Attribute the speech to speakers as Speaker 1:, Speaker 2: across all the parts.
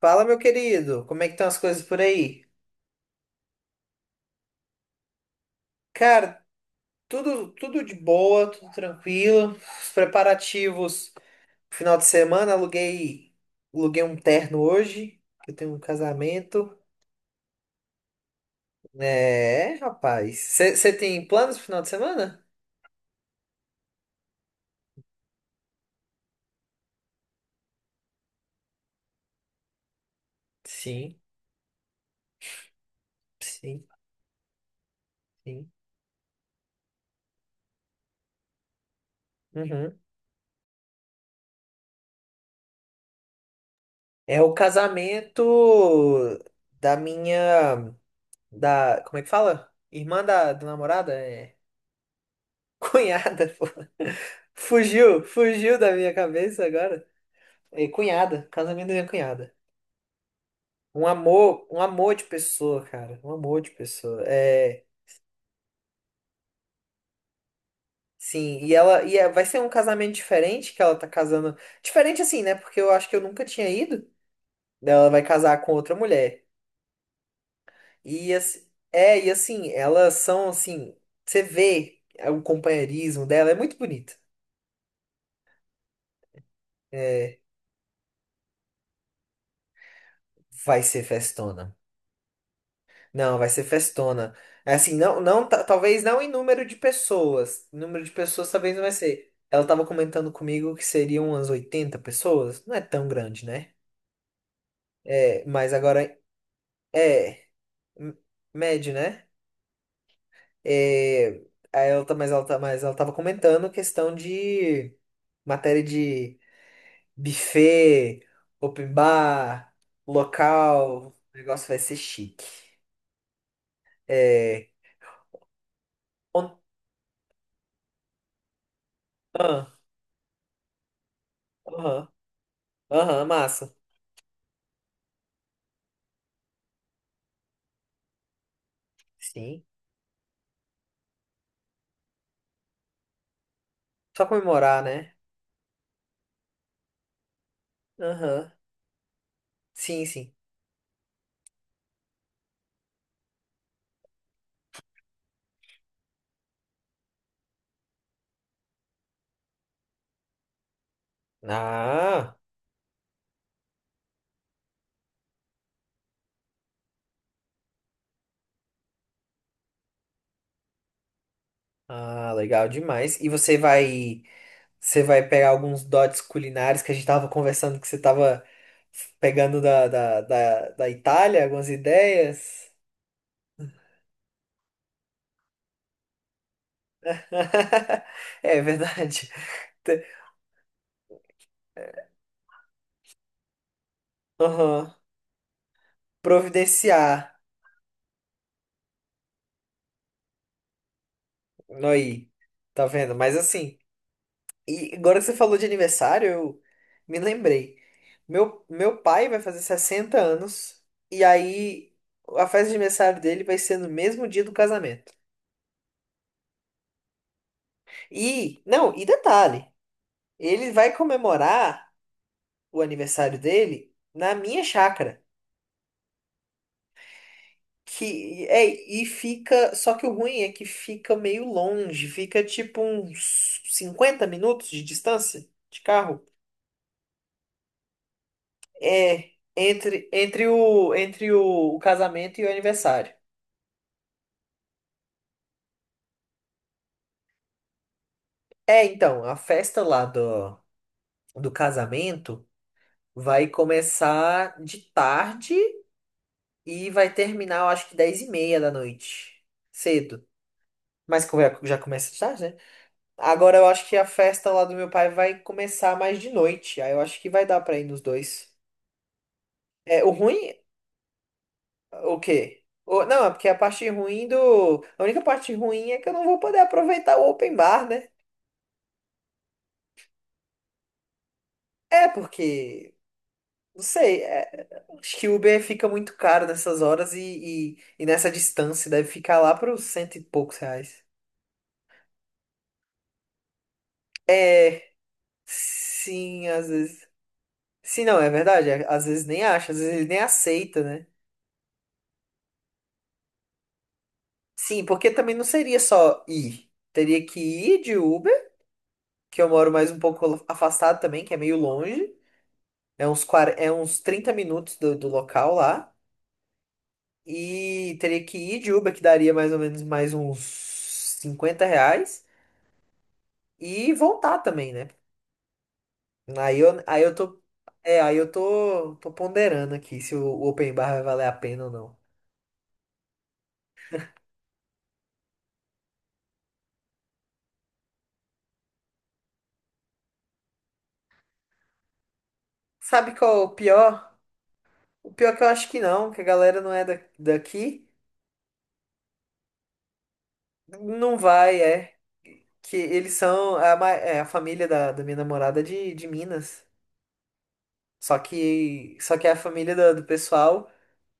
Speaker 1: Fala, meu querido, como é que estão as coisas por aí? Cara, tudo de boa, tudo tranquilo. Os preparativos, final de semana, aluguei um terno hoje, que eu tenho um casamento. É, rapaz. Você tem planos pro final de semana? Sim, sim, sim. Uhum. É o casamento da minha, como é que fala? Irmã da namorada? É. Cunhada, pô. Fugiu, fugiu da minha cabeça agora. E cunhada, casamento da minha cunhada. Um amor de pessoa, cara. Um amor de pessoa. É, sim, vai ser um casamento diferente que ela tá casando. Diferente assim, né? Porque eu acho que eu nunca tinha ido. Ela vai casar com outra mulher. E assim, elas são assim, você vê o companheirismo dela, é muito bonito. É, vai ser festona. Não, vai ser festona. É assim, não, não, talvez não em número de pessoas. Número de pessoas talvez não vai ser. Ela tava comentando comigo que seriam umas 80 pessoas. Não é tão grande, né? É, mas agora é m- médio, né? É, aí ela tá, mas ela tá, mas ela tava comentando questão de matéria de buffet, open bar, local. O negócio vai ser chique. É, on- ah, aham, aham, massa. Sim. Só comemorar, né? Aham. Sim, sim. Ah, ah, legal demais. E você vai pegar alguns dotes culinários que a gente tava conversando que você tava pegando da Itália, algumas ideias. É verdade. Te- Aham. Providenciar. Aí. Tá vendo? Mas assim. E agora que você falou de aniversário, eu me lembrei. Meu pai vai fazer 60 anos, e aí a festa de aniversário dele vai ser no mesmo dia do casamento. E, não, e detalhe, ele vai comemorar o aniversário dele na minha chácara. Que é, e fica, só que o ruim é que fica meio longe, fica tipo uns 50 minutos de distância de carro. É, entre o casamento e o aniversário. É, então, a festa lá do casamento vai começar de tarde e vai terminar, eu acho que 10:30 da noite. Cedo. Mas como já já começa de tarde, né? Agora eu acho que a festa lá do meu pai vai começar mais de noite. Aí eu acho que vai dar pra ir nos dois. É, o ruim, o quê? Não, é porque a parte ruim do. A única parte ruim é que eu não vou poder aproveitar o open bar, né? É, porque não sei, acho que Uber fica muito caro nessas horas e nessa distância deve ficar lá para os cento e poucos reais. É, sim, às vezes. Sim, não, é verdade. Às vezes nem acha, às vezes ele nem aceita, né? Sim, porque também não seria só ir. Teria que ir de Uber, que eu moro mais um pouco afastado também, que é meio longe. É uns, 40 é uns 30 minutos do local lá. E teria que ir de Uber, que daria mais ou menos mais uns R$ 50. E voltar também, né? Aí eu tô. É, aí eu tô ponderando aqui se o open bar vai valer a pena ou não. Sabe qual é o pior? O pior é que eu acho que não, que a galera não é daqui. Não vai, é. Que eles são a família da minha namorada é de Minas. Só que é a família do pessoal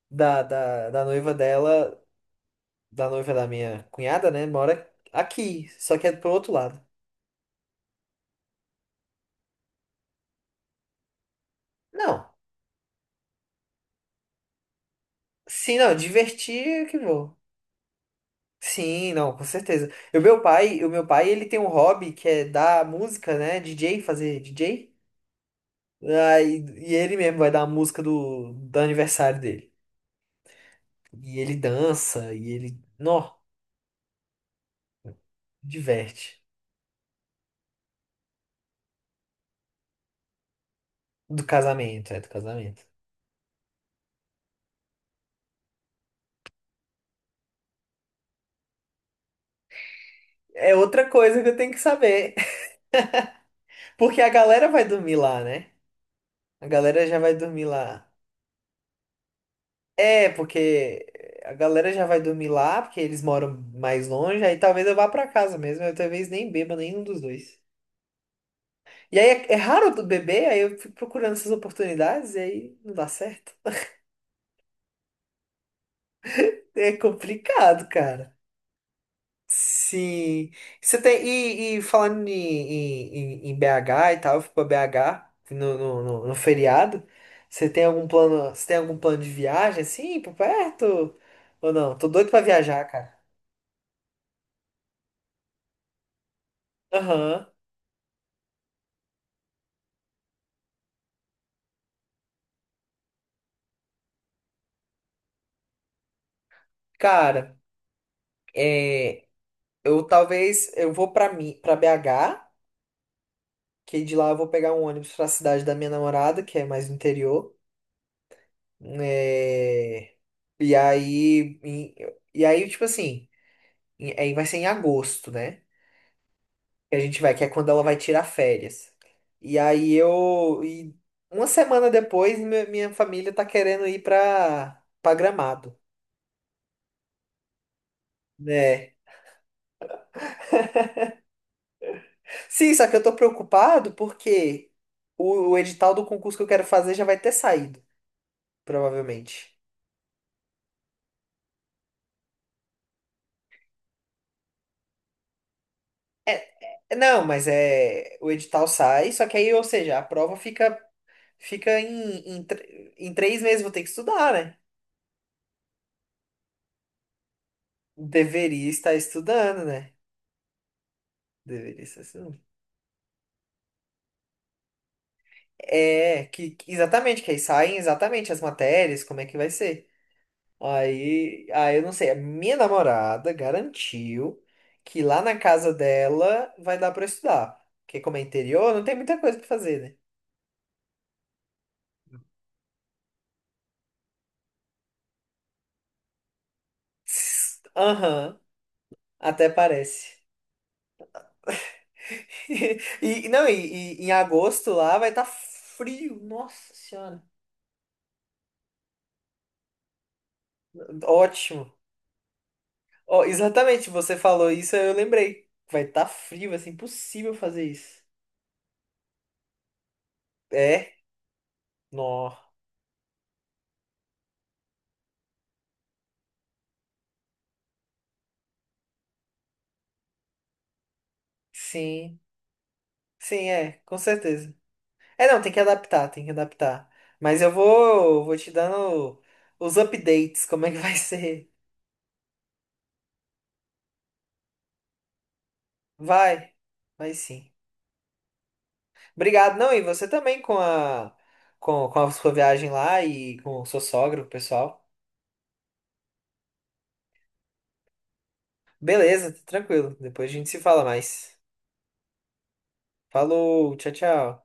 Speaker 1: da noiva dela, da noiva da minha cunhada, né? Mora aqui. Só que é pro outro lado. Não. Sim, não, divertir é que vou. Sim, não, com certeza. E o meu pai ele tem um hobby que é dar música, né? DJ, fazer DJ. Ah, e ele mesmo vai dar a música do aniversário dele. E ele dança, e ele, nó, diverte. Do casamento. É outra coisa que eu tenho que saber, porque a galera vai dormir lá, né? A galera já vai dormir lá. É, porque a galera já vai dormir lá, porque eles moram mais longe, aí talvez eu vá pra casa mesmo, eu talvez nem beba nenhum dos dois. E aí é raro do bebê, aí eu fico procurando essas oportunidades e aí não dá certo. É complicado, cara. Sim. E falando em BH e tal, eu fui pra BH no feriado. Você tem algum plano de viagem assim, por perto? Ou não? Tô doido pra viajar, cara. Aham. Cara, é, eu talvez eu vou para BH, que de lá eu vou pegar um ônibus pra cidade da minha namorada, que é mais no interior. É, E aí, e aí, tipo assim, aí vai ser em agosto, né? Que a gente vai, que é quando ela vai tirar férias. E uma semana depois, minha família tá querendo ir pra Gramado, né? Sim, só que eu tô preocupado porque o edital do concurso que eu quero fazer já vai ter saído, provavelmente. É, não, mas o edital sai, só que aí, ou seja, a prova fica em 3 meses vou ter que estudar, né? Deveria estar estudando, né? Deveria estar estudando. É, exatamente, que aí saem exatamente as matérias, como é que vai ser. Aí, eu não sei, a minha namorada garantiu que lá na casa dela vai dar pra estudar. Porque como é interior, não tem muita coisa pra fazer, né? Tss, aham, até parece. E não, e em agosto lá vai estar frio, nossa senhora. Ótimo. Ó, exatamente, você falou isso, aí eu lembrei. Vai estar frio, vai ser impossível fazer isso. É? Nó. Sim, sim, é, com certeza. É, não, tem que adaptar, tem que adaptar. Mas eu vou te dando os updates, como é que vai ser. Vai, vai sim. Obrigado, não, e você também com a, com a sua viagem lá e com o seu sogro, pessoal. Beleza, tranquilo. Depois a gente se fala mais. Falou, tchau, tchau.